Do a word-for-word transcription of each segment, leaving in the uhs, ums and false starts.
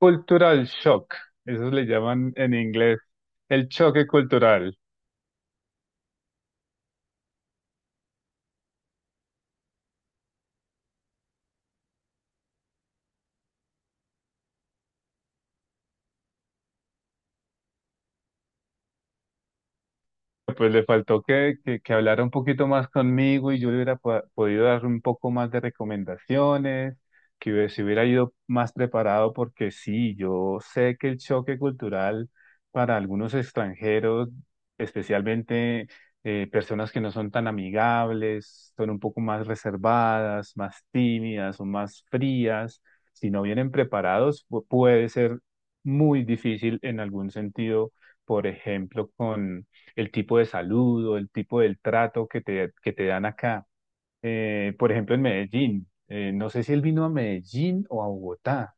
Cultural shock, eso le llaman en inglés el choque cultural. Pues le faltó que, que, que hablara un poquito más conmigo y yo le hubiera po- podido dar un poco más de recomendaciones, que hubie- se hubiera ido más preparado porque sí, yo sé que el choque cultural para algunos extranjeros, especialmente eh, personas que no son tan amigables, son un poco más reservadas, más tímidas o más frías, si no vienen preparados, pu- puede ser muy difícil en algún sentido, por ejemplo, con el tipo de saludo, el tipo del trato que te, que te dan acá. Eh, por ejemplo, en Medellín, eh, no sé si él vino a Medellín o a Bogotá.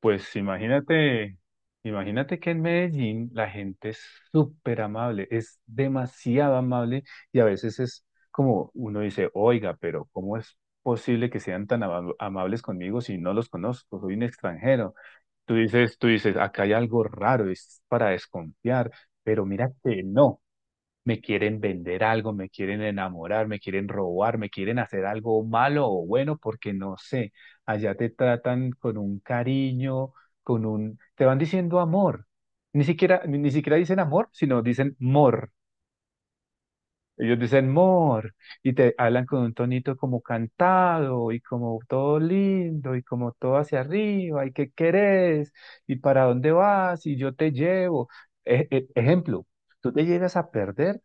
Pues imagínate, imagínate que en Medellín la gente es súper amable, es demasiado amable y a veces es como uno dice, oiga, pero ¿cómo es posible que sean tan ama- amables conmigo si no los conozco? Soy un extranjero. Tú dices, tú dices, acá hay algo raro, es para desconfiar, pero mira que no. Me quieren vender algo, me quieren enamorar, me quieren robar, me quieren hacer algo malo o bueno, porque no sé, allá te tratan con un cariño, con un, te van diciendo amor. Ni siquiera, ni siquiera dicen amor, sino dicen mor. Ellos dicen mor y te hablan con un tonito como cantado y como todo lindo y como todo hacia arriba y qué querés y para dónde vas y yo te llevo. E- e- ejemplo, tú te llegas a perder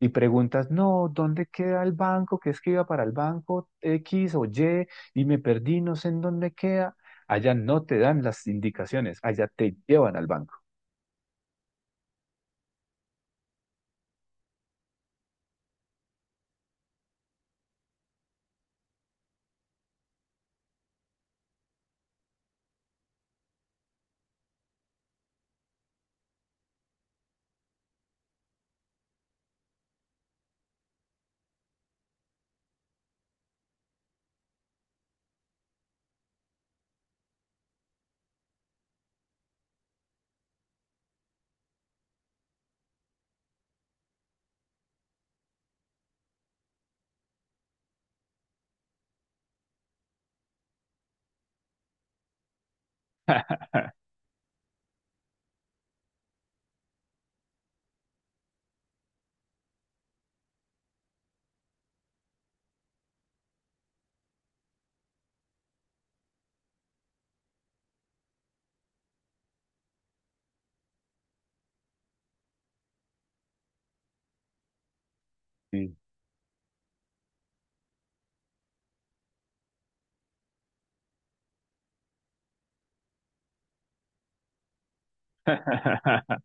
y preguntas, no, ¿dónde queda el banco? Que es que iba para el banco X o Y y me perdí, no sé en dónde queda. Allá no te dan las indicaciones, allá te llevan al banco. Sí.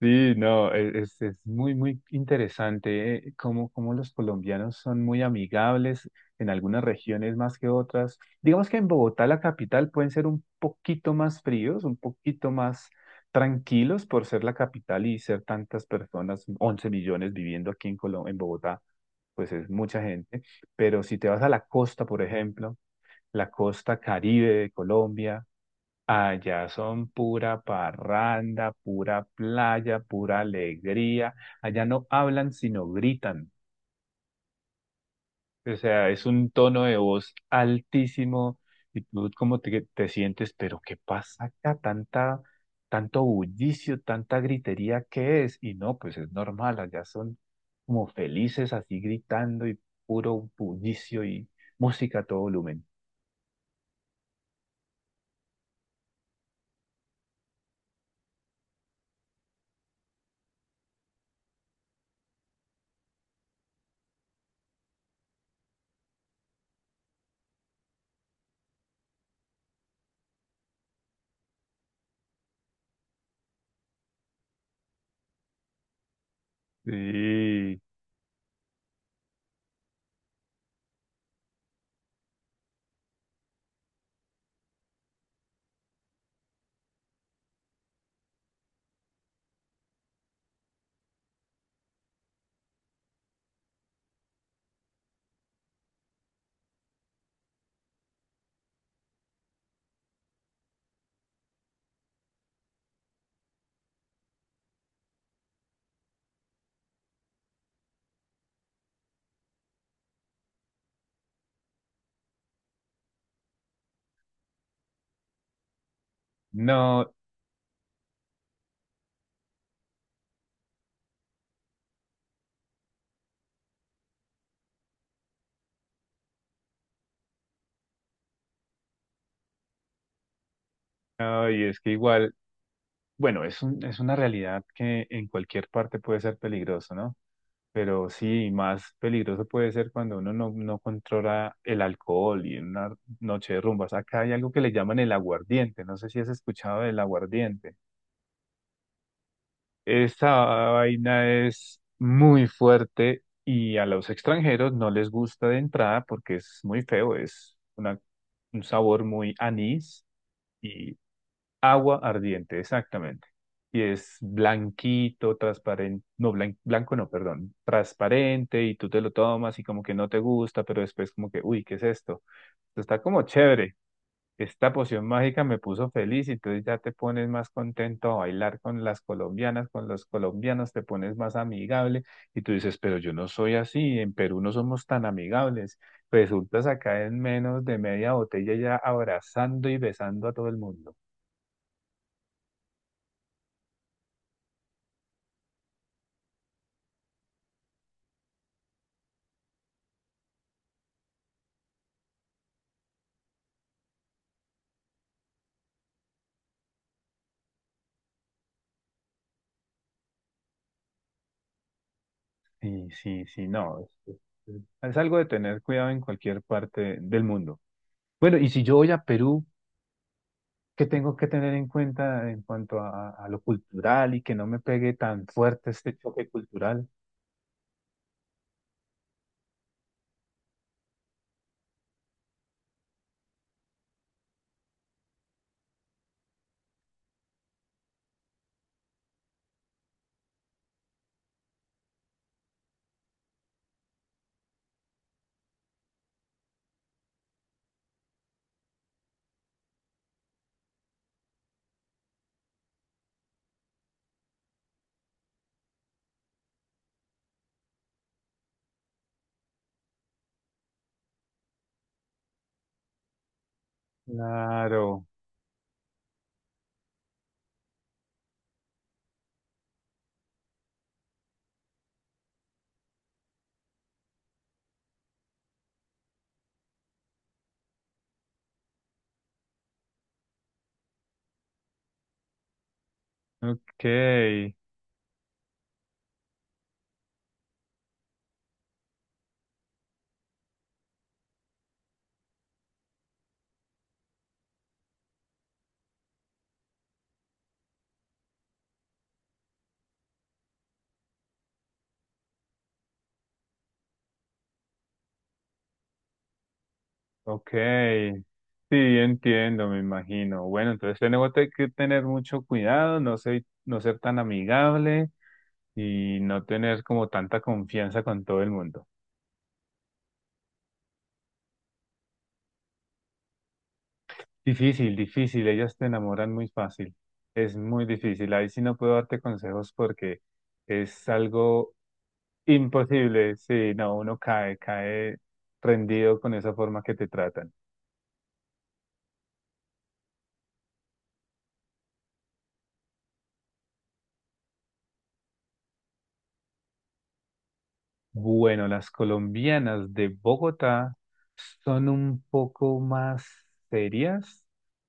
Sí, no, e- es, es muy, muy interesante eh, cómo, cómo los colombianos son muy amigables en algunas regiones más que otras. Digamos que en Bogotá, la capital, pueden ser un poquito más fríos, un poquito más tranquilos por ser la capital y ser tantas personas, once millones viviendo aquí en Colo- en Bogotá, pues es mucha gente. Pero si te vas a la costa, por ejemplo, la costa Caribe de Colombia, allá son pura parranda, pura playa, pura alegría. Allá no hablan, sino gritan. O sea, es un tono de voz altísimo y tú como te, te sientes, pero ¿qué pasa acá? Tanta, tanto bullicio, tanta gritería, ¿qué es? Y no, pues es normal, allá son como felices así gritando y puro bullicio y música a todo volumen. Sí, no, no, y es que igual. Bueno, es un- es una realidad que en cualquier parte puede ser peligroso, ¿no? Pero sí, más peligroso puede ser cuando uno no, no controla el alcohol y en una noche de rumbas. Acá hay algo que le llaman el aguardiente. No sé si has escuchado del aguardiente. Esta vaina es muy fuerte y a los extranjeros no les gusta de entrada porque es muy feo. Es una, un sabor muy anís y agua ardiente, exactamente. Y es blanquito, transparente, no, blan- blanco no, perdón, transparente y tú te lo tomas y como que no te gusta, pero después como que, uy, ¿qué es esto? Está como chévere. Esta poción mágica me puso feliz y entonces ya te pones más contento a bailar con las colombianas, con los colombianos, te pones más amigable y tú dices, pero yo no soy así, en Perú no somos tan amigables. Resultas acá en menos de media botella ya abrazando y besando a todo el mundo. Sí, sí, sí, no. Es, es- es algo de tener cuidado en cualquier parte del mundo. Bueno, y si yo voy a Perú, ¿qué tengo que tener en cuenta en cuanto a, a lo cultural y que no me pegue tan fuerte este choque cultural? Claro, ok, ok. Sí, entiendo, me imagino. Bueno, entonces tenemos te- que tener mucho cuidado, no ser, no ser tan amigable y no tener como tanta confianza con todo el mundo. Difícil, difícil. Ellas te enamoran muy fácil. Es muy difícil. Ahí sí no puedo darte consejos porque es algo imposible. Sí, no, uno cae, cae rendido con esa forma que te tratan. Bueno, las colombianas de Bogotá son un poco más serias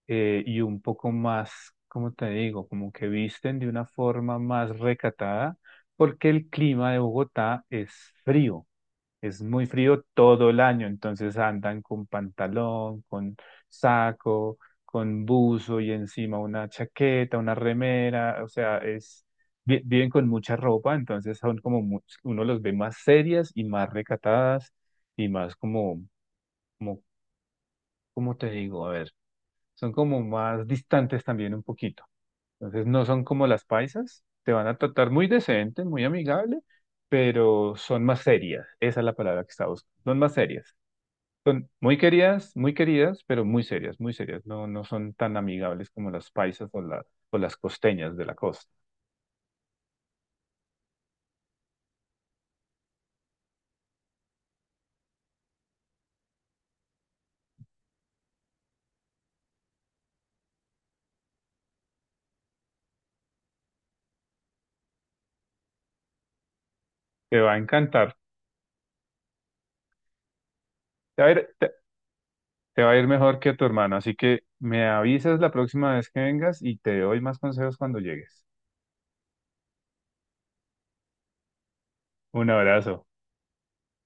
eh, y un poco más, ¿cómo te digo? Como que visten de una forma más recatada porque el clima de Bogotá es frío. Es muy frío todo el año, entonces andan con pantalón, con saco, con buzo y encima una chaqueta, una remera, o sea, es vi- viven con mucha ropa, entonces son como mu- uno los ve más serias y más recatadas y más como como ¿cómo te digo? A ver, son como más distantes también un poquito. Entonces no son como las paisas, te van a tratar muy decente, muy amigable, pero son más serias, esa es la palabra que está buscando. Son más serias. Son muy queridas, muy queridas, pero muy serias, muy serias. No, no son tan amigables como las paisas o, la- o las costeñas de la costa. Te va a encantar. Te va a ir, te, te va a ir mejor que a tu hermano, así que me avisas la próxima vez que vengas y te doy más consejos cuando llegues. Un abrazo.